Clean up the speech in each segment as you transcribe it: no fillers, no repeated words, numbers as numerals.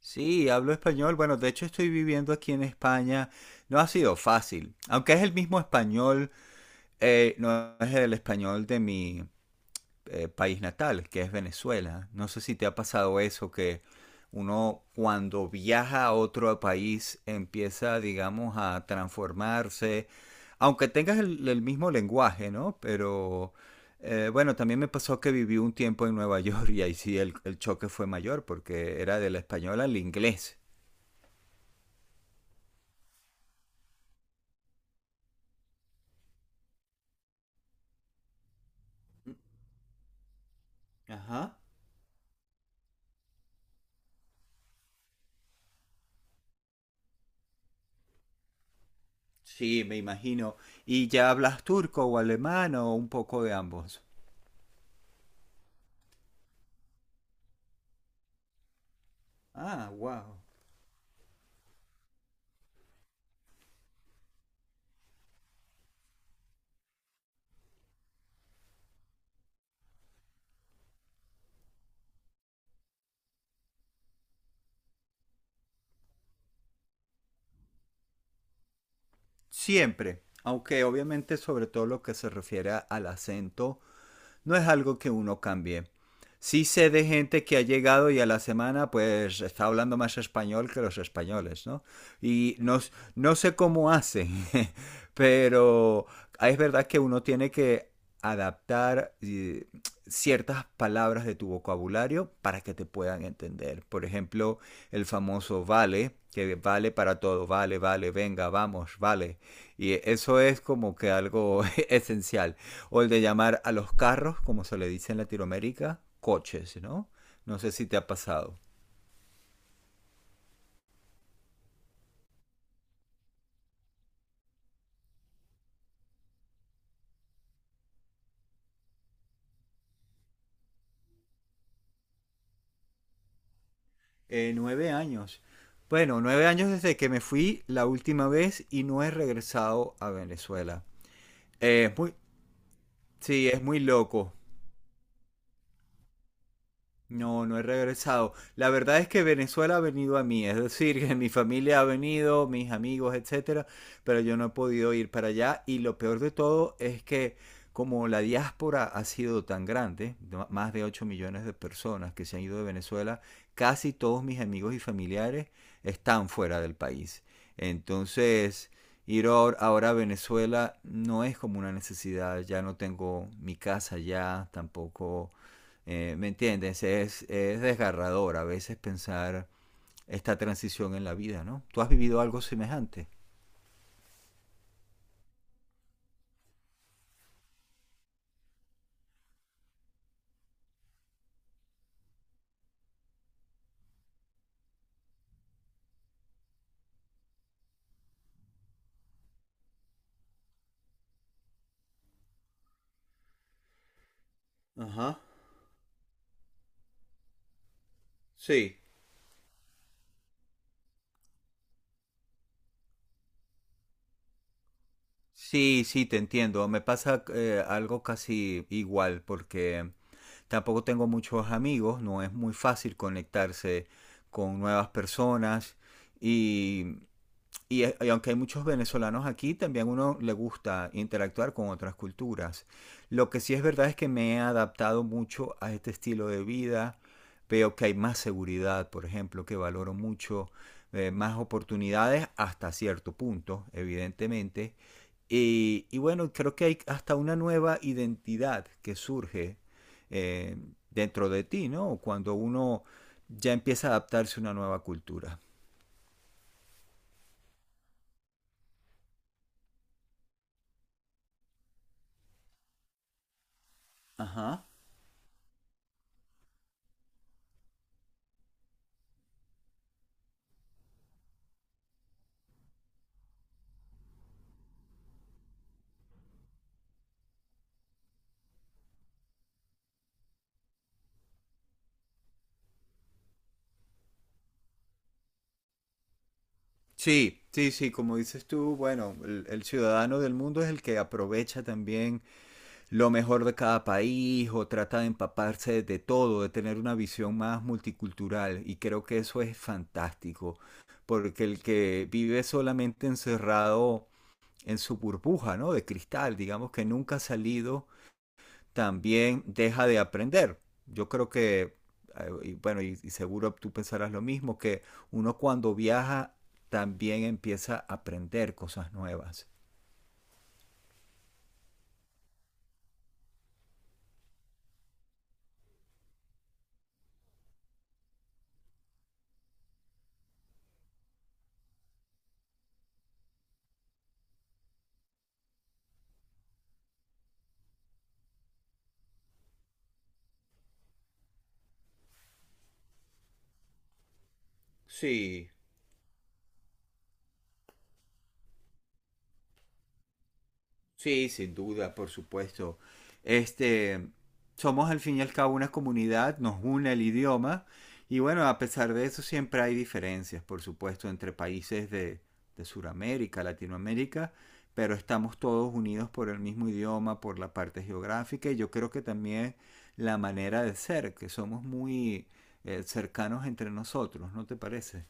Sí, hablo español. Bueno, de hecho estoy viviendo aquí en España. No ha sido fácil. Aunque es el mismo español, no es el español de mi país natal, que es Venezuela. No sé si te ha pasado eso, que uno cuando viaja a otro país empieza, digamos, a transformarse. Aunque tengas el mismo lenguaje, ¿no? Pero bueno, también me pasó que viví un tiempo en Nueva York y ahí sí el choque fue mayor porque era del español al inglés. Ajá. Sí, me imagino. ¿Y ya hablas turco o alemán o un poco de ambos? Ah, wow. Siempre, aunque obviamente sobre todo lo que se refiere al acento no es algo que uno cambie. Sí sé de gente que ha llegado y a la semana pues está hablando más español que los españoles, ¿no? Y no, no sé cómo hacen, pero es verdad que uno tiene que adaptar ciertas palabras de tu vocabulario para que te puedan entender. Por ejemplo, el famoso vale, que vale para todo, vale, vale, venga, vamos, vale. Y eso es como que algo esencial. O el de llamar a los carros, como se le dice en Latinoamérica, coches, ¿no? No sé si te ha pasado. 9 años. Bueno, 9 años desde que me fui la última vez y no he regresado a Venezuela. Eh, es muy, sí, es muy loco. No, no he regresado. La verdad es que Venezuela ha venido a mí, es decir, que mi familia ha venido, mis amigos, etcétera, pero yo no he podido ir para allá y lo peor de todo es que como la diáspora ha sido tan grande, más de 8 millones de personas que se han ido de Venezuela, casi todos mis amigos y familiares están fuera del país. Entonces, ir ahora a Venezuela no es como una necesidad, ya no tengo mi casa allá, tampoco ¿me entiendes? Es desgarrador a veces pensar esta transición en la vida, ¿no? ¿Tú has vivido algo semejante? Ajá. Sí. Sí, sí, te entiendo. Me pasa algo casi igual porque tampoco tengo muchos amigos, no es muy fácil conectarse con nuevas personas Y, Y aunque hay muchos venezolanos aquí, también uno le gusta interactuar con otras culturas. Lo que sí es verdad es que me he adaptado mucho a este estilo de vida. Veo que hay más seguridad, por ejemplo, que valoro mucho, más oportunidades hasta cierto punto, evidentemente. Y bueno, creo que hay hasta una nueva identidad que surge eh, dentro de ti, ¿no? Cuando uno ya empieza a adaptarse a una nueva cultura. Ajá. Sí, sí, sí, como dices tú, bueno, el ciudadano del mundo es el que aprovecha también lo mejor de cada país o trata de empaparse de todo, de tener una visión más multicultural y creo que eso es fantástico, porque el que vive solamente encerrado en su burbuja, ¿no? De cristal, digamos que nunca ha salido también deja de aprender. Yo creo que, y bueno, y seguro tú pensarás lo mismo, que uno cuando viaja también empieza a aprender cosas nuevas. Sí, sí, sin duda, por supuesto. Este, somos al fin y al cabo una comunidad, nos une el idioma y bueno, a pesar de eso siempre hay diferencias, por supuesto, entre países de Sudamérica, Latinoamérica, pero estamos todos unidos por el mismo idioma, por la parte geográfica y yo creo que también la manera de ser, que somos muy cercanos entre nosotros, ¿no te parece?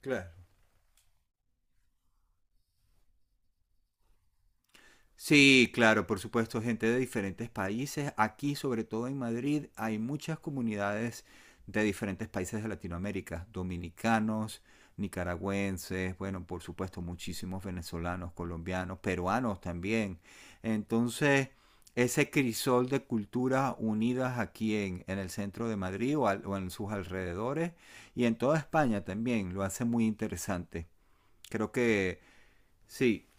Claro. Sí, claro, por supuesto, gente de diferentes países. Aquí, sobre todo en Madrid, hay muchas comunidades de diferentes países de Latinoamérica, dominicanos, nicaragüenses, bueno, por supuesto, muchísimos venezolanos, colombianos, peruanos también. Entonces, ese crisol de culturas unidas aquí en el centro de Madrid o en sus alrededores y en toda España también lo hace muy interesante. Creo que sí.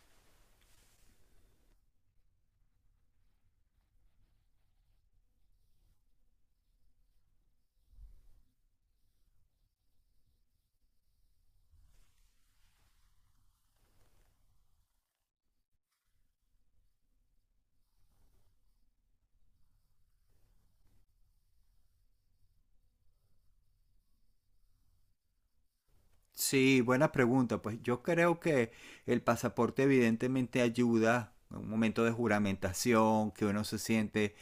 Sí, buena pregunta. Pues yo creo que el pasaporte evidentemente ayuda en un momento de juramentación, que uno se siente,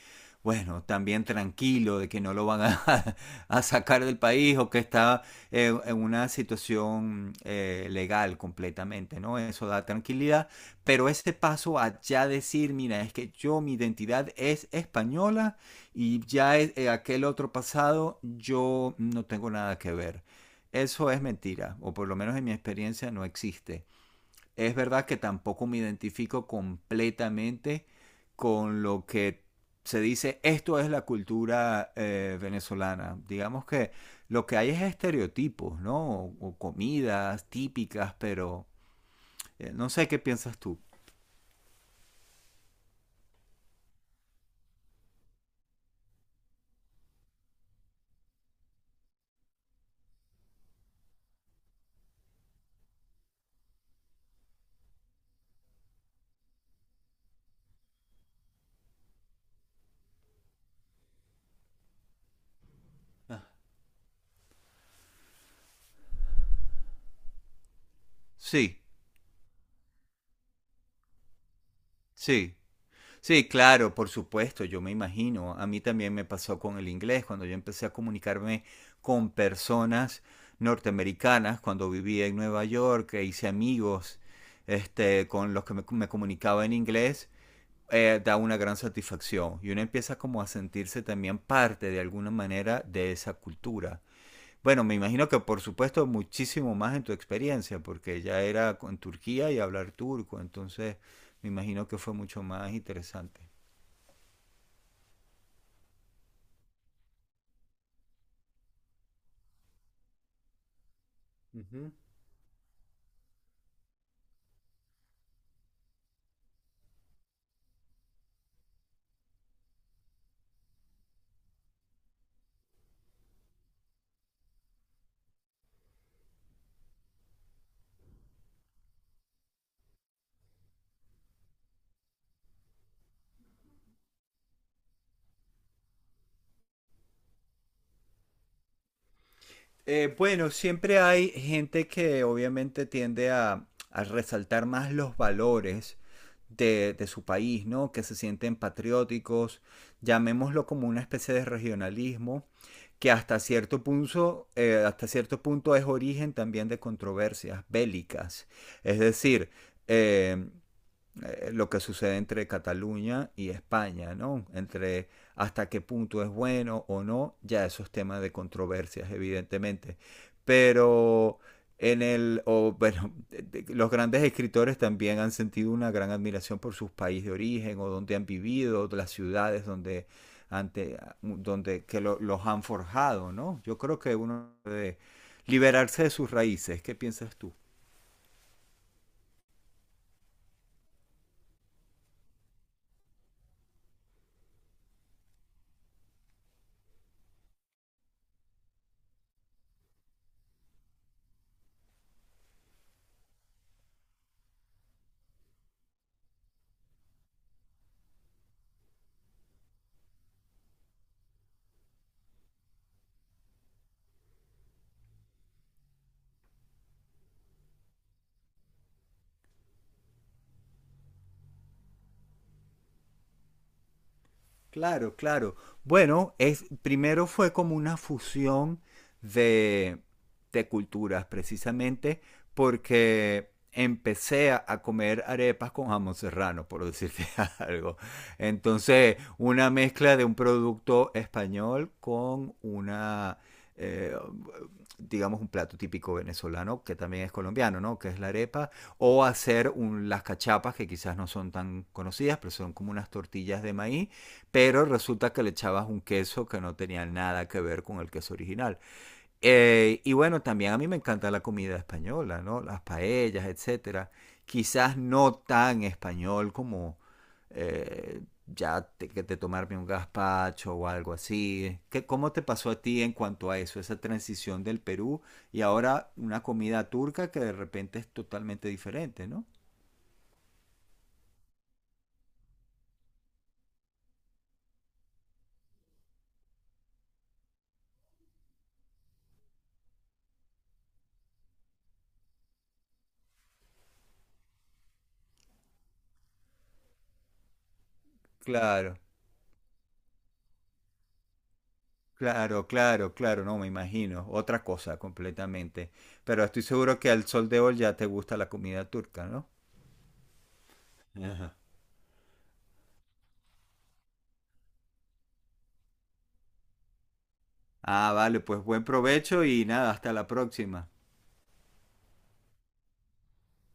bueno, también tranquilo de que no lo van a, a sacar del país o que está en una situación legal completamente, ¿no? Eso da tranquilidad. Pero ese paso a ya decir, mira, es que yo, mi identidad es española y ya aquel otro pasado, yo no tengo nada que ver. Eso es mentira, o por lo menos en mi experiencia no existe. Es verdad que tampoco me identifico completamente con lo que se dice, esto es la cultura venezolana. Digamos que lo que hay es estereotipos, ¿no? O comidas típicas, pero no sé qué piensas tú. Ah. Sí, sí, sí, claro, por supuesto, yo me imagino. A mí también me pasó con el inglés, cuando yo empecé a comunicarme con personas norteamericanas, cuando vivía en Nueva York, e hice amigos este, con los que me comunicaba en inglés, da una gran satisfacción y uno empieza como a sentirse también parte de alguna manera de esa cultura. Bueno, me imagino que por supuesto muchísimo más en tu experiencia, porque ya era en Turquía y hablar turco, entonces me imagino que fue mucho más interesante. Ujú. Bueno, siempre hay gente que obviamente tiende a resaltar más los valores de su país, ¿no? Que se sienten patrióticos, llamémoslo como una especie de regionalismo, que hasta cierto punto es origen también de controversias bélicas. Es decir, eh, lo que sucede entre Cataluña y España, ¿no? Entre hasta qué punto es bueno o no, ya esos temas de controversias, evidentemente. Pero o, bueno, los grandes escritores también han sentido una gran admiración por sus países de origen o donde han vivido, las ciudades ante, donde que los han forjado, ¿no? Yo creo que uno debe liberarse de sus raíces. ¿Qué piensas tú? Claro, claro. Bueno, primero fue como una fusión de, de culturas, precisamente porque empecé a comer arepas con jamón serrano, por decirte algo. Entonces, una mezcla de un producto español con una, eh, digamos, un plato típico venezolano, que también es colombiano, ¿no? Que es la arepa, o hacer las cachapas, que quizás no son tan conocidas, pero son como unas tortillas de maíz pero resulta que le echabas un queso que no tenía nada que ver con el queso original. Y bueno, también a mí me encanta la comida española, ¿no? Las paellas, etcétera. Quizás no tan español como eh, que te tomarme un gazpacho o algo así. ¿Cómo te pasó a ti en cuanto a eso, esa transición del Perú y ahora una comida turca que de repente es totalmente diferente, ¿no? Claro. Claro, claro, claro, no me imagino, otra cosa completamente. Pero estoy seguro que al sol de hoy ya te gusta la comida turca, ¿no? Ajá. Ah, vale, pues buen provecho y nada, hasta la próxima.